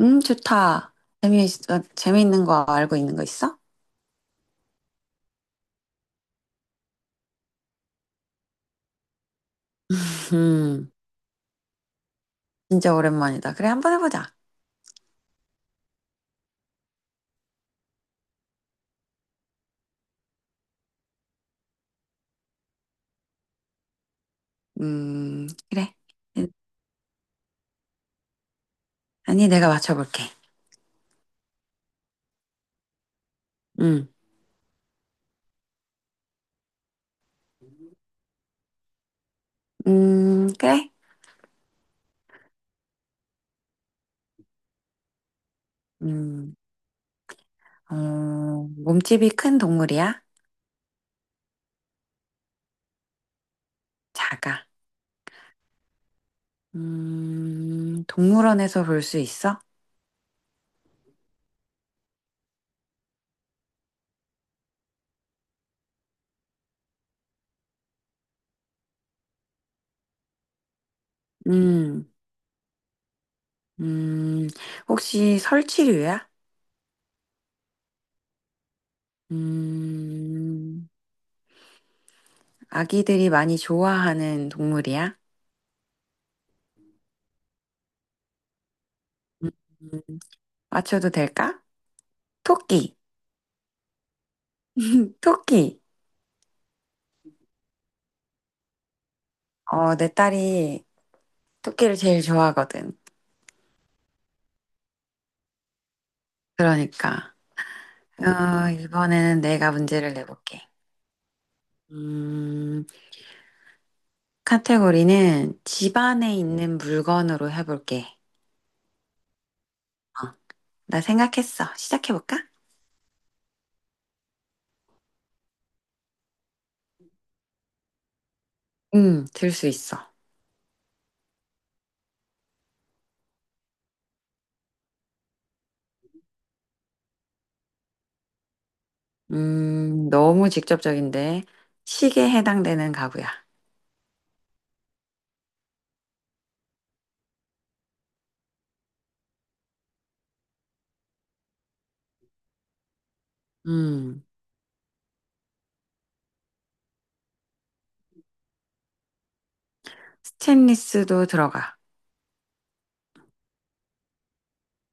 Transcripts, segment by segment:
좋다. 재미, 재미있는 거 알고 있는 거 있어? 음, 진짜 오랜만이다. 그래, 한번 해보자. 그래. 아니, 내가 맞춰볼게. 음, 그래. 음, 어, 몸집이 큰 동물이야? 작아. 동물원에서 볼 수 있어? 음, 음, 혹시 설치류야? 음, 아기들이 많이 좋아하는 동물이야? 음, 맞춰도 될까? 토끼, 토끼. 어, 내 딸이 토끼를 제일 좋아하거든. 그러니까. 어, 이번에는 내가 문제를 내볼게. 음, 카테고리는 집 안에 있는 물건으로 해볼게. 어, 나 생각했어. 시작해볼까? 들 수 있어. 너무 직접적인데. 시계에 해당되는 가구야. 음, 스테인리스도 들어가.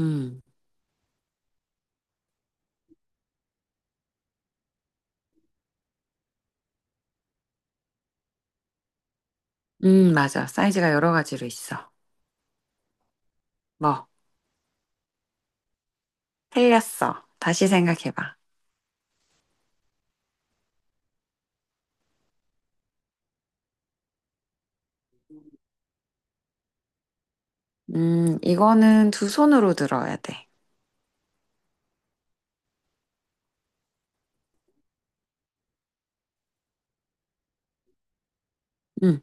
음, 맞아. 사이즈가 여러 가지로 있어. 뭐, 틀렸어. 다시 생각해봐. 이거는 두 손으로 들어야 돼. 음,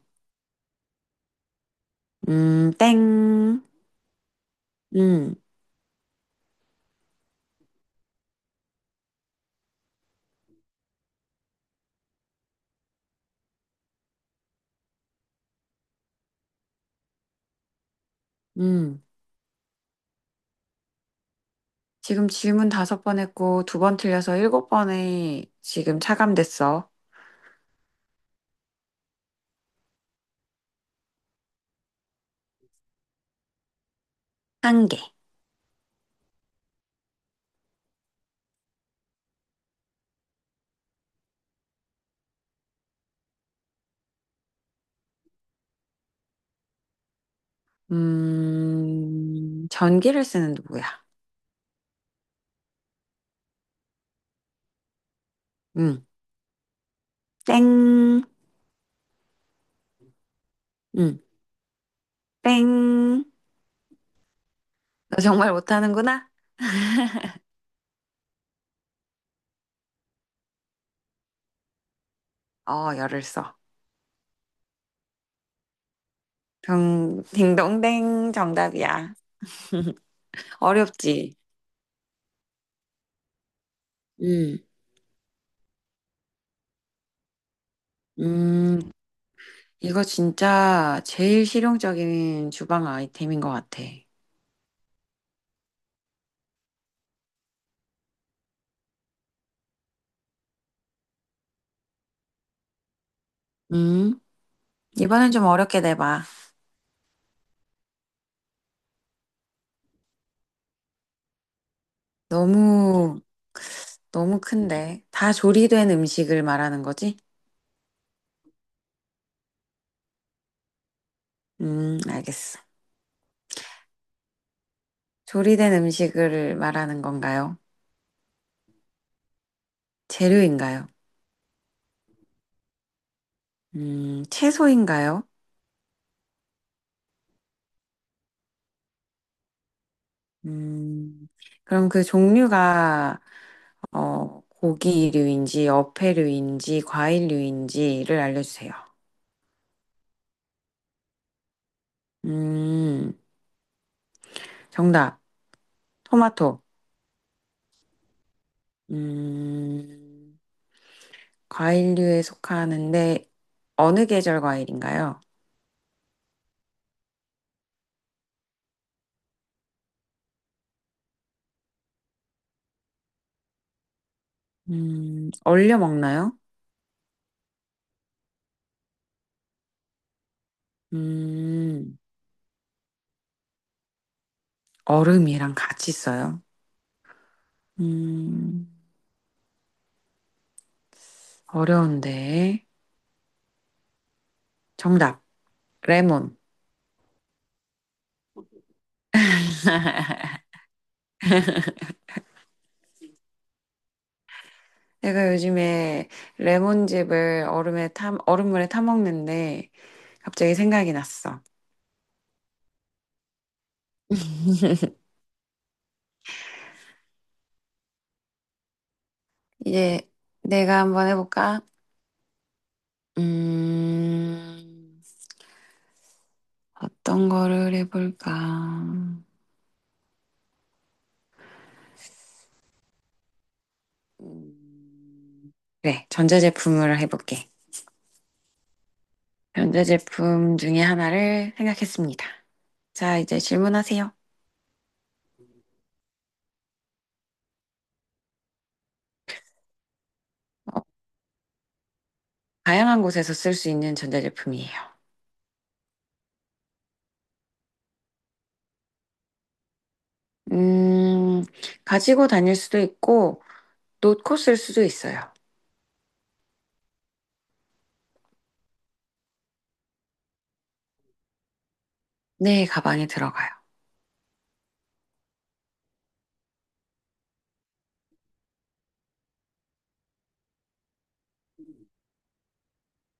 땡. 음, 음. 지금 질문 5번 했고, 2번 틀려서 일곱 번에 지금 차감됐어. 1개. 전기를 쓰는 누구야? 음, 땡. 음, 땡. 너 정말 못하는구나? 어, 열을 써. 딩동댕 정답이야. 어렵지? 음, 음, 이거 진짜 제일 실용적인 주방 아이템인 것 같아. 음, 이번엔 좀 어렵게 내봐. 너무, 너무 큰데. 다 조리된 음식을 말하는 거지? 알겠어. 조리된 음식을 말하는 건가요? 재료인가요? 채소인가요? 음, 그럼 그 종류가, 어, 고기류인지, 어패류인지, 과일류인지를 알려주세요. 음, 정답. 토마토. 음, 과일류에 속하는데 어느 계절 과일인가요? 얼려 먹나요? 음, 얼음이랑 같이 써요. 음, 어려운데. 정답, 레몬. 제가 요즘에 레몬즙을 얼음물에 타 먹는데 갑자기 생각이 났어. 이제 내가 한번 해볼까? 음, 어떤 거를 해볼까? 음, 그래, 전자제품으로 해볼게. 전자제품 중에 하나를 생각했습니다. 자, 이제 질문하세요. 다양한 곳에서 쓸 수 있는 전자제품이에요. 음, 가지고 다닐 수도 있고, 놓고 쓸 수도 있어요. 네, 가방에 들어가요.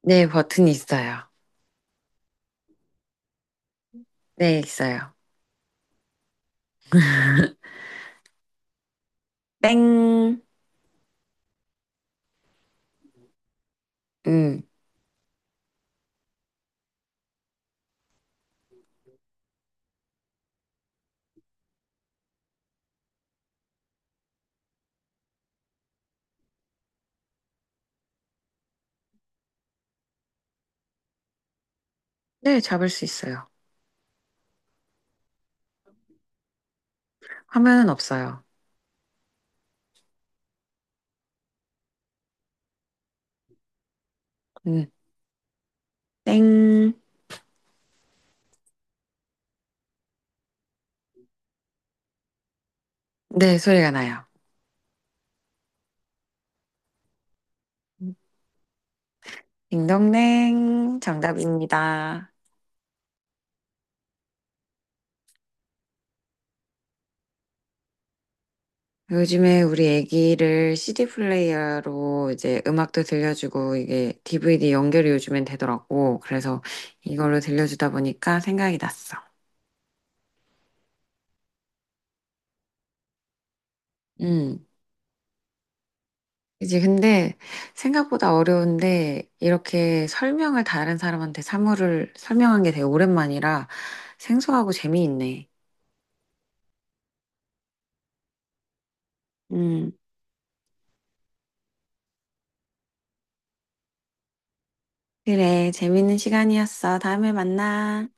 네, 버튼이 있어요. 네, 있어요. 땡. 음, 네, 잡을 수 있어요. 화면은 없어요. 음, 땡. 네, 소리가 나요. 딩동댕. 정답입니다. 요즘에 우리 애기를 CD 플레이어로 이제 음악도 들려주고 이게 DVD 연결이 요즘엔 되더라고. 그래서 이걸로 들려주다 보니까 생각이 났어. 음. 이제 근데 생각보다 어려운데 이렇게 설명을 다른 사람한테 사물을 설명한 게 되게 오랜만이라 생소하고 재미있네. 음. 그래, 재밌는 시간이었어. 다음에 만나.